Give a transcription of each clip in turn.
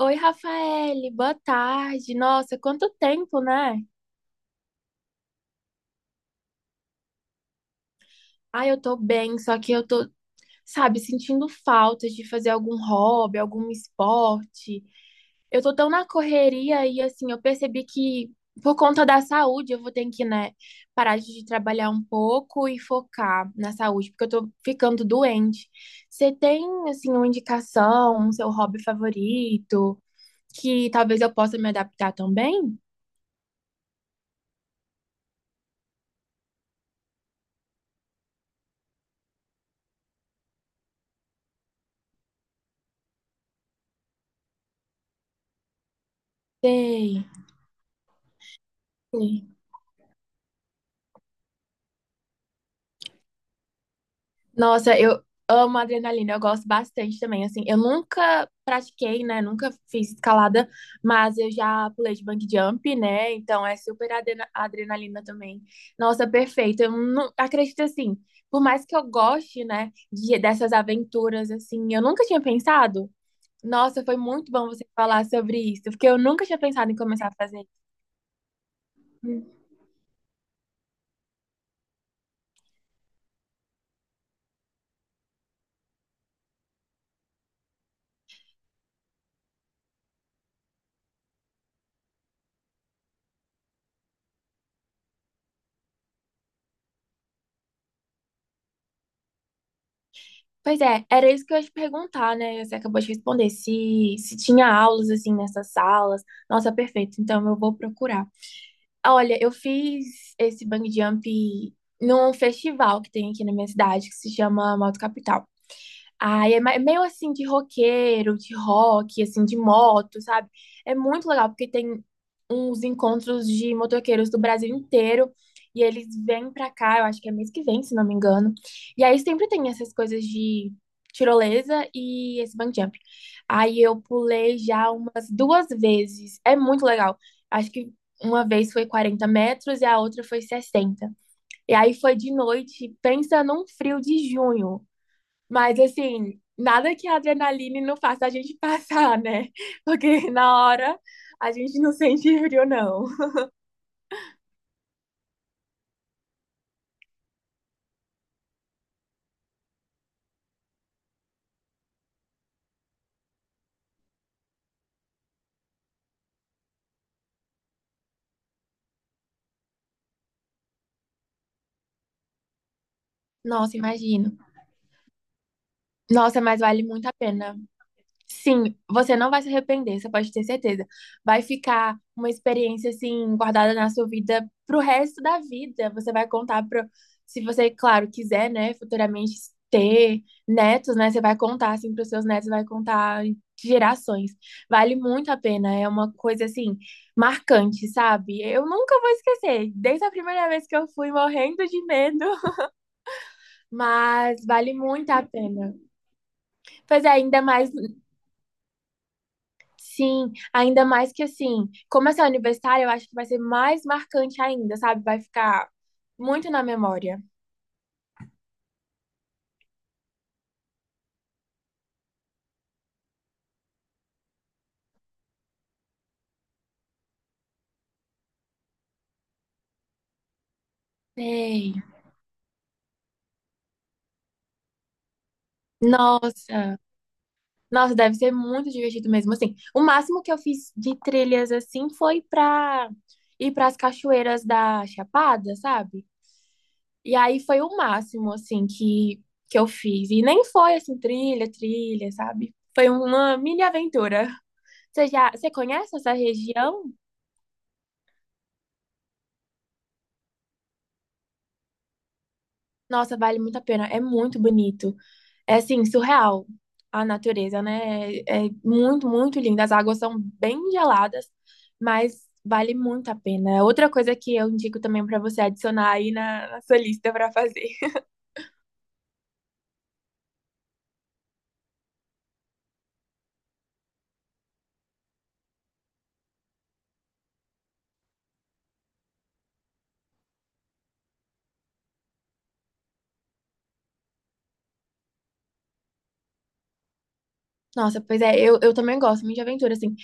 Oi, Rafaele, boa tarde. Nossa, quanto tempo, né? Ai, eu tô bem, só que sentindo falta de fazer algum hobby, algum esporte. Eu tô tão na correria e, assim, eu percebi que, por conta da saúde, eu vou ter que, né, parar de trabalhar um pouco e focar na saúde, porque eu tô ficando doente. Você tem, assim, uma indicação, um seu hobby favorito, que talvez eu possa me adaptar também? Sei. Nossa, eu amo adrenalina, eu gosto bastante também. Assim, eu nunca pratiquei, né? Nunca fiz escalada, mas eu já pulei de bungee jump, né? Então é super adrenalina também. Nossa, perfeito. Eu não acredito assim, por mais que eu goste, né, dessas aventuras, assim, eu nunca tinha pensado. Nossa, foi muito bom você falar sobre isso, porque eu nunca tinha pensado em começar a fazer. Pois é, era isso que eu ia te perguntar, né? Você acabou de responder. Se tinha aulas assim nessas salas. Nossa, perfeito. Então eu vou procurar. Ah, olha, eu fiz esse bungee jump num festival que tem aqui na minha cidade que se chama Moto Capital. Ai, é é meio assim de roqueiro, de rock, assim, de moto, sabe? É muito legal, porque tem uns encontros de motoqueiros do Brasil inteiro e eles vêm pra cá, eu acho que é mês que vem, se não me engano. E aí sempre tem essas coisas de tirolesa e esse bungee jump. Aí eu pulei já umas duas vezes. É muito legal. Acho que uma vez foi 40 metros e a outra foi 60. E aí foi de noite, pensa num frio de junho. Mas assim, nada que a adrenalina não faça a gente passar, né? Porque na hora a gente não sente frio, não. Nossa, imagino. Nossa, mas vale muito a pena. Sim, você não vai se arrepender, você pode ter certeza. Vai ficar uma experiência assim guardada na sua vida pro resto da vida. Você vai contar pro, se você, claro, quiser, né, futuramente ter netos, né, você vai contar assim pros seus netos, vai contar de gerações. Vale muito a pena, é uma coisa assim marcante, sabe? Eu nunca vou esquecer, desde a primeira vez que eu fui morrendo de medo, mas vale muito a pena. Pois é, ainda mais. Sim, ainda mais que assim, como essa é universitária, eu acho que vai ser mais marcante ainda, sabe? Vai ficar muito na memória. Sei. Nossa, nossa, deve ser muito divertido mesmo. Assim, o máximo que eu fiz de trilhas assim foi pra ir pras cachoeiras da Chapada, sabe? E aí foi o máximo assim que eu fiz. E nem foi assim trilha, trilha, sabe? Foi uma mini aventura. Você já, você conhece essa região? Nossa, vale muito a pena. É muito bonito. É assim, surreal a natureza, né? É muito, muito linda. As águas são bem geladas, mas vale muito a pena. Outra coisa que eu indico também para você adicionar aí na sua lista para fazer. Nossa, pois é, eu também gosto muito de aventura, assim.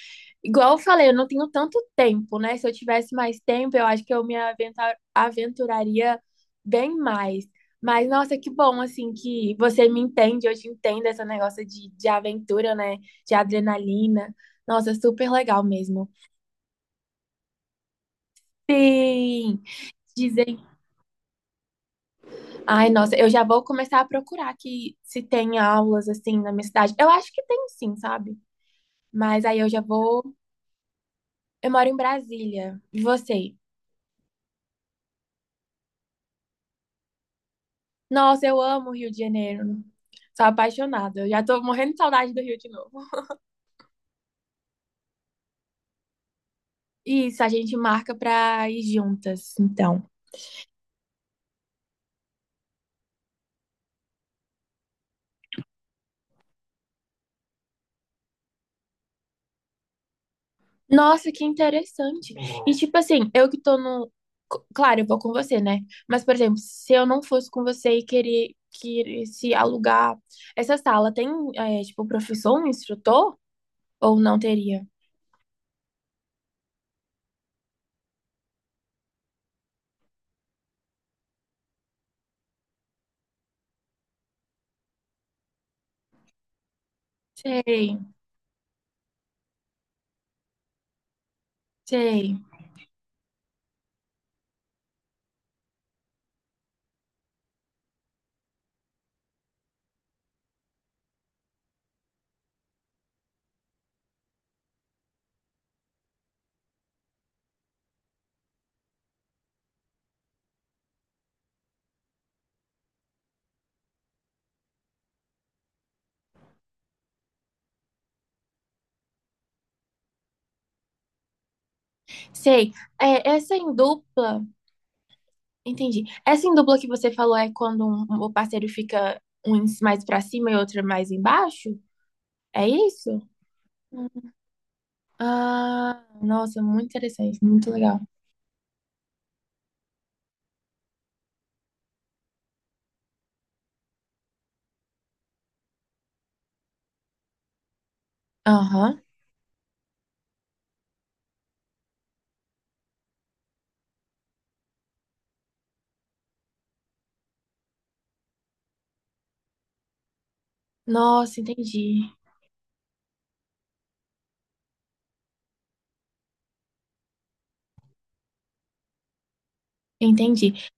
Igual eu falei, eu não tenho tanto tempo, né? Se eu tivesse mais tempo, eu acho que eu me aventuraria bem mais. Mas, nossa, que bom, assim, que você me entende, eu te entendo esse negócio de aventura, né? De adrenalina. Nossa, super legal mesmo. Sim, dizem. Ai, nossa, eu já vou começar a procurar aqui se tem aulas, assim, na minha cidade. Eu acho que tem sim, sabe? Mas aí eu já vou. Eu moro em Brasília. E você? Nossa, eu amo o Rio de Janeiro. Sou apaixonada. Eu já tô morrendo de saudade do Rio de novo. Isso, a gente marca pra ir juntas, então. Nossa, que interessante. E tipo assim, eu que tô no. Claro, eu vou com você, né? Mas, por exemplo, se eu não fosse com você e querer, se alugar essa sala, tem, é, tipo, professor, um instrutor? Ou não teria? Sei, sei, Sei. É, essa em dupla. Entendi. Essa em dupla que você falou é quando o parceiro fica um mais pra cima e outro mais embaixo? É isso? Hum. Ah, nossa, muito interessante, muito legal. Aham. Nossa, entendi. Entendi.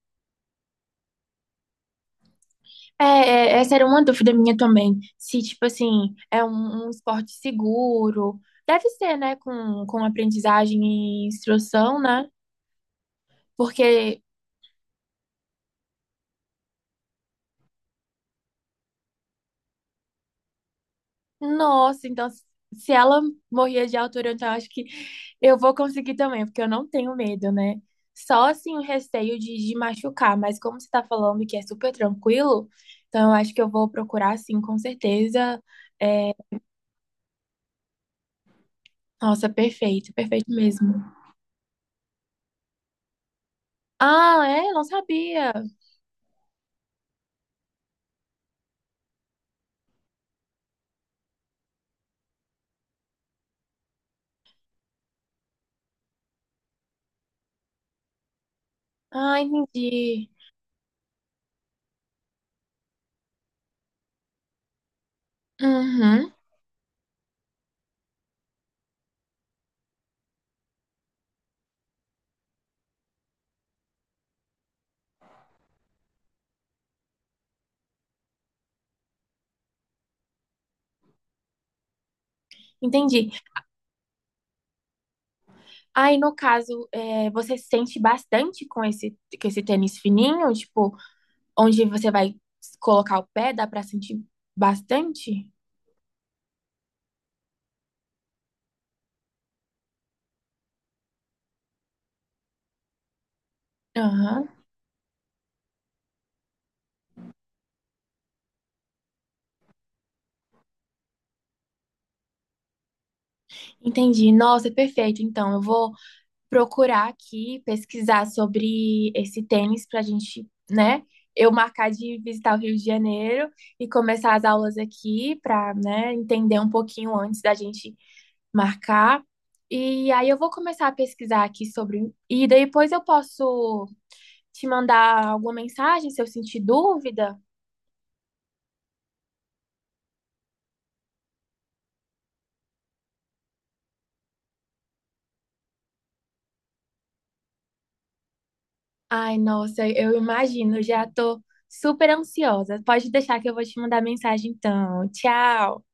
Essa era uma dúvida minha também. Se, tipo assim, é um, um esporte seguro. Deve ser, né? Com aprendizagem e instrução, né? Porque nossa, então se ela morria de altura, então eu acho que eu vou conseguir também, porque eu não tenho medo, né? Só assim o receio de machucar, mas como você tá falando que é super tranquilo, então eu acho que eu vou procurar sim, com certeza. Nossa, perfeito, perfeito mesmo. Ah, é? Não sabia. Ah, entendi. Uhum, entendi. Aí, no caso, é, você sente bastante com esse tênis fininho? Tipo, onde você vai colocar o pé, dá pra sentir bastante? Aham, entendi. Nossa, perfeito. Então, eu vou procurar aqui, pesquisar sobre esse tênis pra gente, né? Eu marcar de visitar o Rio de Janeiro e começar as aulas aqui pra, né, entender um pouquinho antes da gente marcar. E aí eu vou começar a pesquisar aqui sobre. E daí depois eu posso te mandar alguma mensagem se eu sentir dúvida. Ai, nossa, eu imagino, já tô super ansiosa. Pode deixar que eu vou te mandar mensagem então. Tchau.